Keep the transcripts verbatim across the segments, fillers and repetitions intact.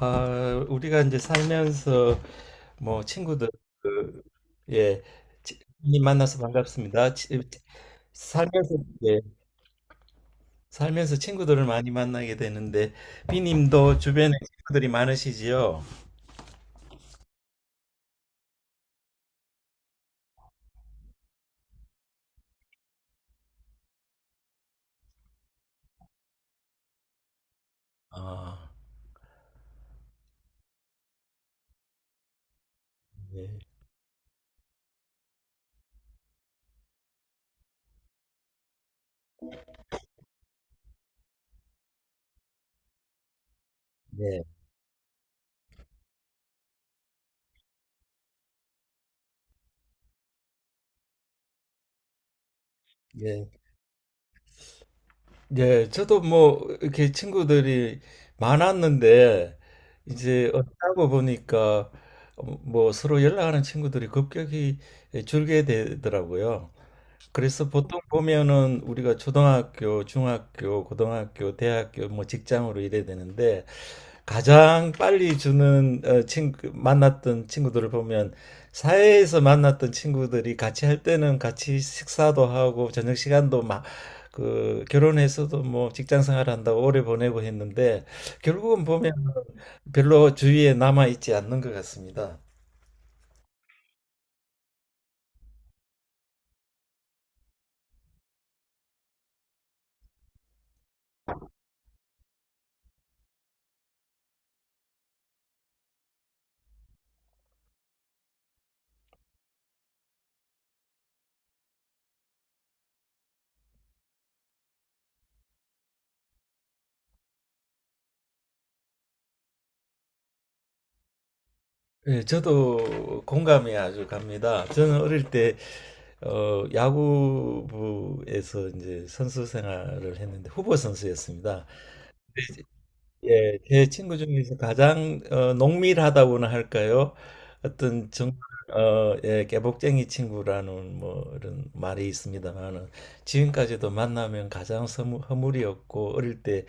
아, 우리가 이제 살면서 뭐 친구들 그, 예, 치- 많이 만나서 반갑습니다. 치- 살면서 예, 살면서 친구들을 많이 만나게 되는데 비님도 주변에 친구들이 많으시지요? 아, 예, 예, 예, 예. 저도 뭐 이렇게 친구들이 많았는데 이제 어쩌고 보니까 뭐 서로 연락하는 친구들이 급격히 줄게 되더라고요. 그래서 보통 보면은 우리가 초등학교, 중학교, 고등학교, 대학교, 뭐 직장으로 이래야 되는데 가장 빨리 주는 어, 친구 만났던 친구들을 보면 사회에서 만났던 친구들이 같이 할 때는 같이 식사도 하고 저녁 시간도 막 그 결혼해서도 뭐 직장 생활한다고 오래 보내고 했는데 결국은 보면 별로 주위에 남아 있지 않는 것 같습니다. 예, 저도 공감이 아주 갑니다. 저는 어릴 때 어, 야구부에서 이제 선수 생활을 했는데 후보 선수였습니다. 예, 제 친구 중에서 가장 어, 농밀하다고나 할까요? 어떤 정말 어, 예, 깨복쟁이 친구라는 뭐 이런 말이 있습니다만은 지금까지도 만나면 가장 서무- 허물이 없고 어릴 때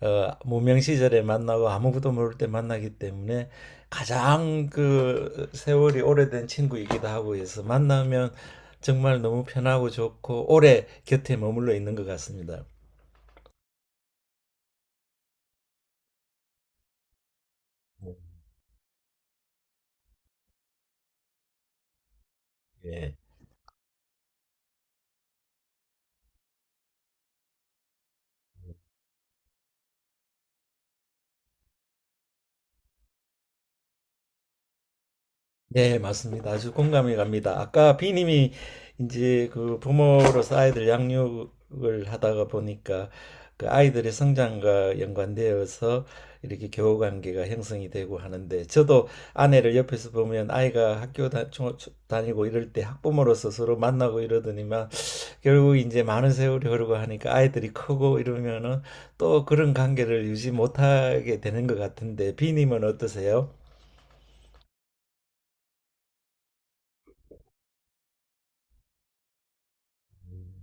어, 무명 시절에 만나고 아무것도 모를 때 만나기 때문에 가장 그 세월이 오래된 친구이기도 하고 해서 만나면 정말 너무 편하고 좋고 오래 곁에 머물러 있는 것 같습니다. 예. 네, 맞습니다. 아주 공감이 갑니다. 아까 비님이 이제 그 부모로서 아이들 양육을 하다가 보니까 그 아이들의 성장과 연관되어서 이렇게 교우 관계가 형성이 되고 하는데 저도 아내를 옆에서 보면 아이가 학교 다, 초- 초- 다니고 이럴 때 학부모로서 서로 만나고 이러더니만 결국 이제 많은 세월이 흐르고 하니까 아이들이 크고 이러면은 또 그런 관계를 유지 못하게 되는 것 같은데 비님은 어떠세요? 음,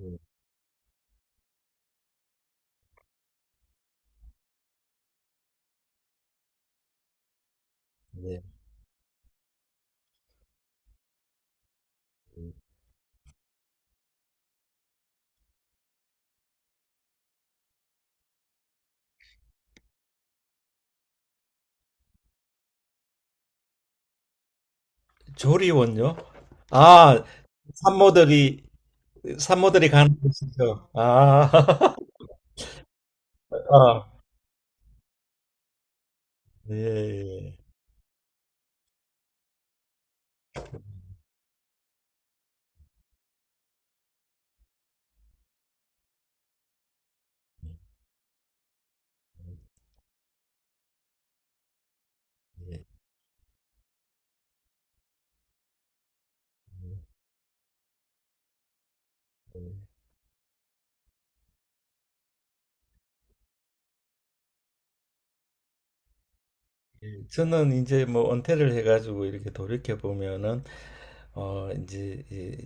음, 네. 조리원요? 아, 산모들이, 산모들이 가는 곳이죠. 아, 아, 예, 예. 예, 저는 이제 뭐 은퇴를 해가지고 이렇게 돌이켜 보면은, 어, 이제, 예,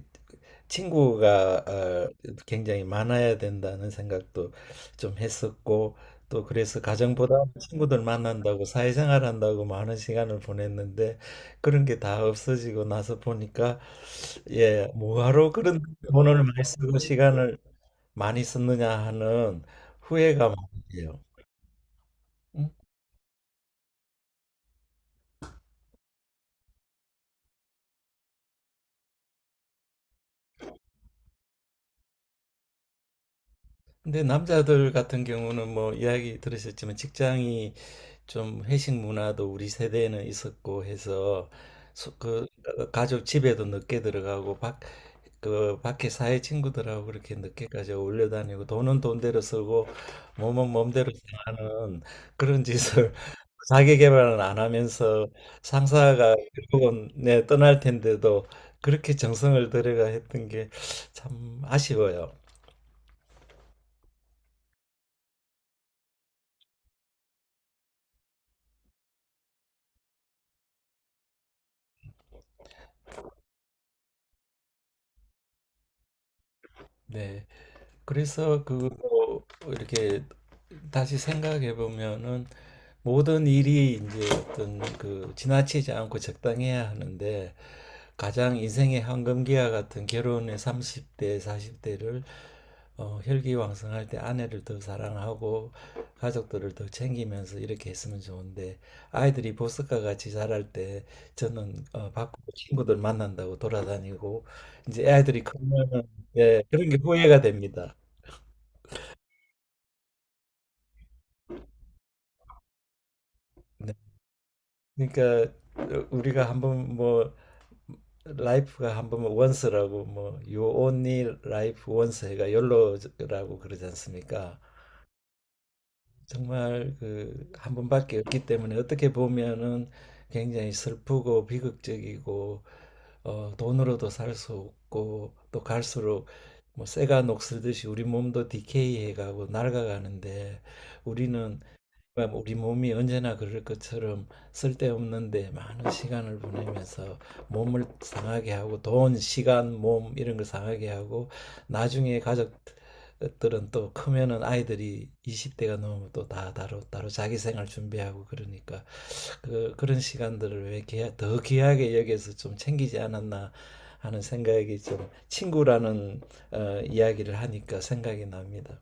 친구가 어, 굉장히 많아야 된다는 생각도 좀 했었고 또 그래서 가정보다 친구들 만난다고 사회생활 한다고 많은 시간을 보냈는데 그런 게 다 없어지고 나서 보니까 예 뭐하러 그런 돈을 많이 쓰고 시간을 많이 썼느냐 하는 후회가 많아요. 음? 근데 남자들 같은 경우는 뭐 이야기 들으셨지만 직장이 좀 회식 문화도 우리 세대에는 있었고 해서 소- 그 어, 가족 집에도 늦게 들어가고 밖, 그 밖에 사회 친구들하고 그렇게 늦게까지 어울려 다니고 돈은 돈대로 쓰고 몸은 몸대로 사는 그런 짓을 자기 개발은 안 하면서 상사가 결국은 네, 떠날 텐데도 그렇게 정성을 들여가 했던 게 참 아쉬워요. 네. 그래서 그 이렇게 다시 생각해 보면은 모든 일이 이제 어떤 그 지나치지 않고 적당해야 하는데 가장 인생의 황금기와 같은 결혼의 삼십 대, 사십 대를 어, 혈기왕성할 때 아내를 더 사랑하고 가족들을 더 챙기면서 이렇게 했으면 좋은데 아이들이 보석과 같이 자랄 때 저는 어, 밖으로 친구들 만난다고 돌아다니고 이제 아이들이 크면 예, 그런 게 후회가 됩니다. 네. 그러니까 어, 우리가 한번 뭐 라이프가 한번 뭐 원스라고 뭐 you only life once 해가 욜로라고 그러지 않습니까? 정말 그 한 번밖에 없기 때문에 어떻게 보면은 굉장히 슬프고 비극적이고 어 돈으로도 살 수 없고 또 갈수록 뭐 쇠가 녹슬듯이 우리 몸도 디케이해 가고 낡아가는데 우리는 그러니까 우리 몸이 언제나 그럴 것처럼 쓸데없는데 많은 시간을 보내면서 몸을 상하게 하고 돈, 시간, 몸 이런 걸 상하게 하고 나중에 가족들은 또 크면은 아이들이 이십 대가 넘으면 또 다 따로 따로 자기 생활 준비하고 그러니까 그, 그런 시간들을 왜 귀하, 더 귀하게 여기서 좀 챙기지 않았나 하는 생각이 좀 친구라는 어, 이야기를 하니까 생각이 납니다.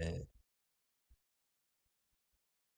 예.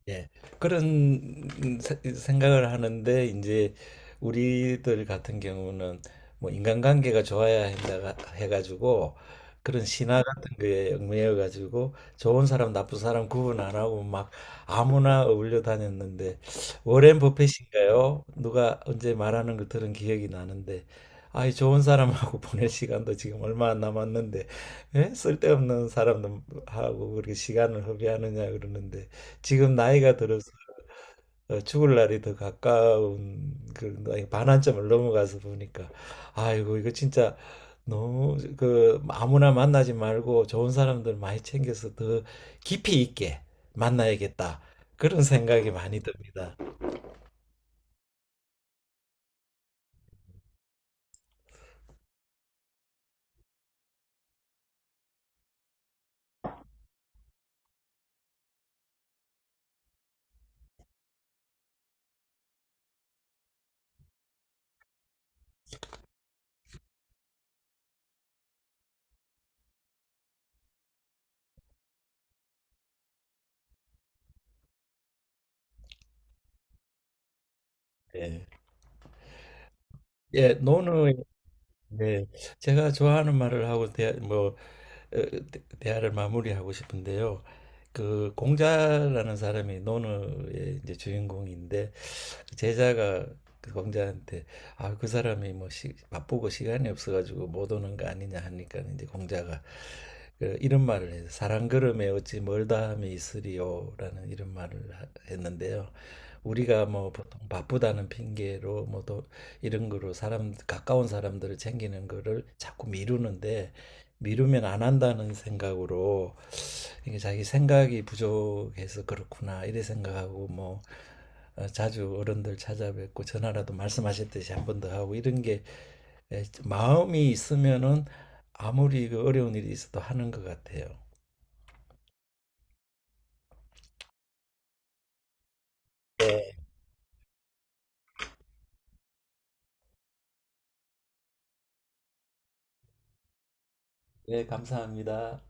예, 그런 세- 생각을 하는데 이제 우리들 같은 경우는 뭐 인간관계가 좋아야 한다 해가지고 그런 신화 같은 거에 얽매여 가지고 좋은 사람 나쁜 사람 구분 안 하고 막 아무나 어울려 다녔는데 워렌 버핏인가요? 누가 언제 말하는 걸 들은 기억이 나는데 아이 좋은 사람하고 보낼 시간도 지금 얼마 안 남았는데 예? 쓸데없는 사람하고 그렇게 시간을 허비하느냐 그러는데 지금 나이가 들어서 어, 죽을 날이 더 가까운 그런 나이, 반환점을 넘어가서 보니까 아이고 이거 진짜 너무 그 아무나 만나지 말고 좋은 사람들 많이 챙겨서 더 깊이 있게 만나야겠다 그런 생각이 많이 듭니다. 예, 예, 노는 네, 제가 좋아하는 말을 하고 대, 뭐 어, 대- 대화를 마무리하고 싶은데요. 그 공자라는 사람이 논어의 이제 주인공인데 그 제자가 그 공자한테 아, 그 사람이 뭐 시, 바쁘고 시간이 없어가지고 못 오는 거 아니냐 하니까 이제 공자가 그 이런 말을 해요. 사람 걸음에 어찌 멀다함이 있으리요라는 이런 말을 하- 했는데요. 우리가 뭐 보통 바쁘다는 핑계로 뭐또 이런 거로 사람 가까운 사람들을 챙기는 거를 자꾸 미루는데 미루면 안 한다는 생각으로 이게 자기 생각이 부족해서 그렇구나 이래 생각하고 뭐 어, 자주 어른들 찾아뵙고 전화라도 말씀하셨듯이 한 번 더 하고 이런 게 예, 마음이 있으면은 아무리 그 어려운 일이 있어도 하는 것 같아요. 네, 네, 감사합니다.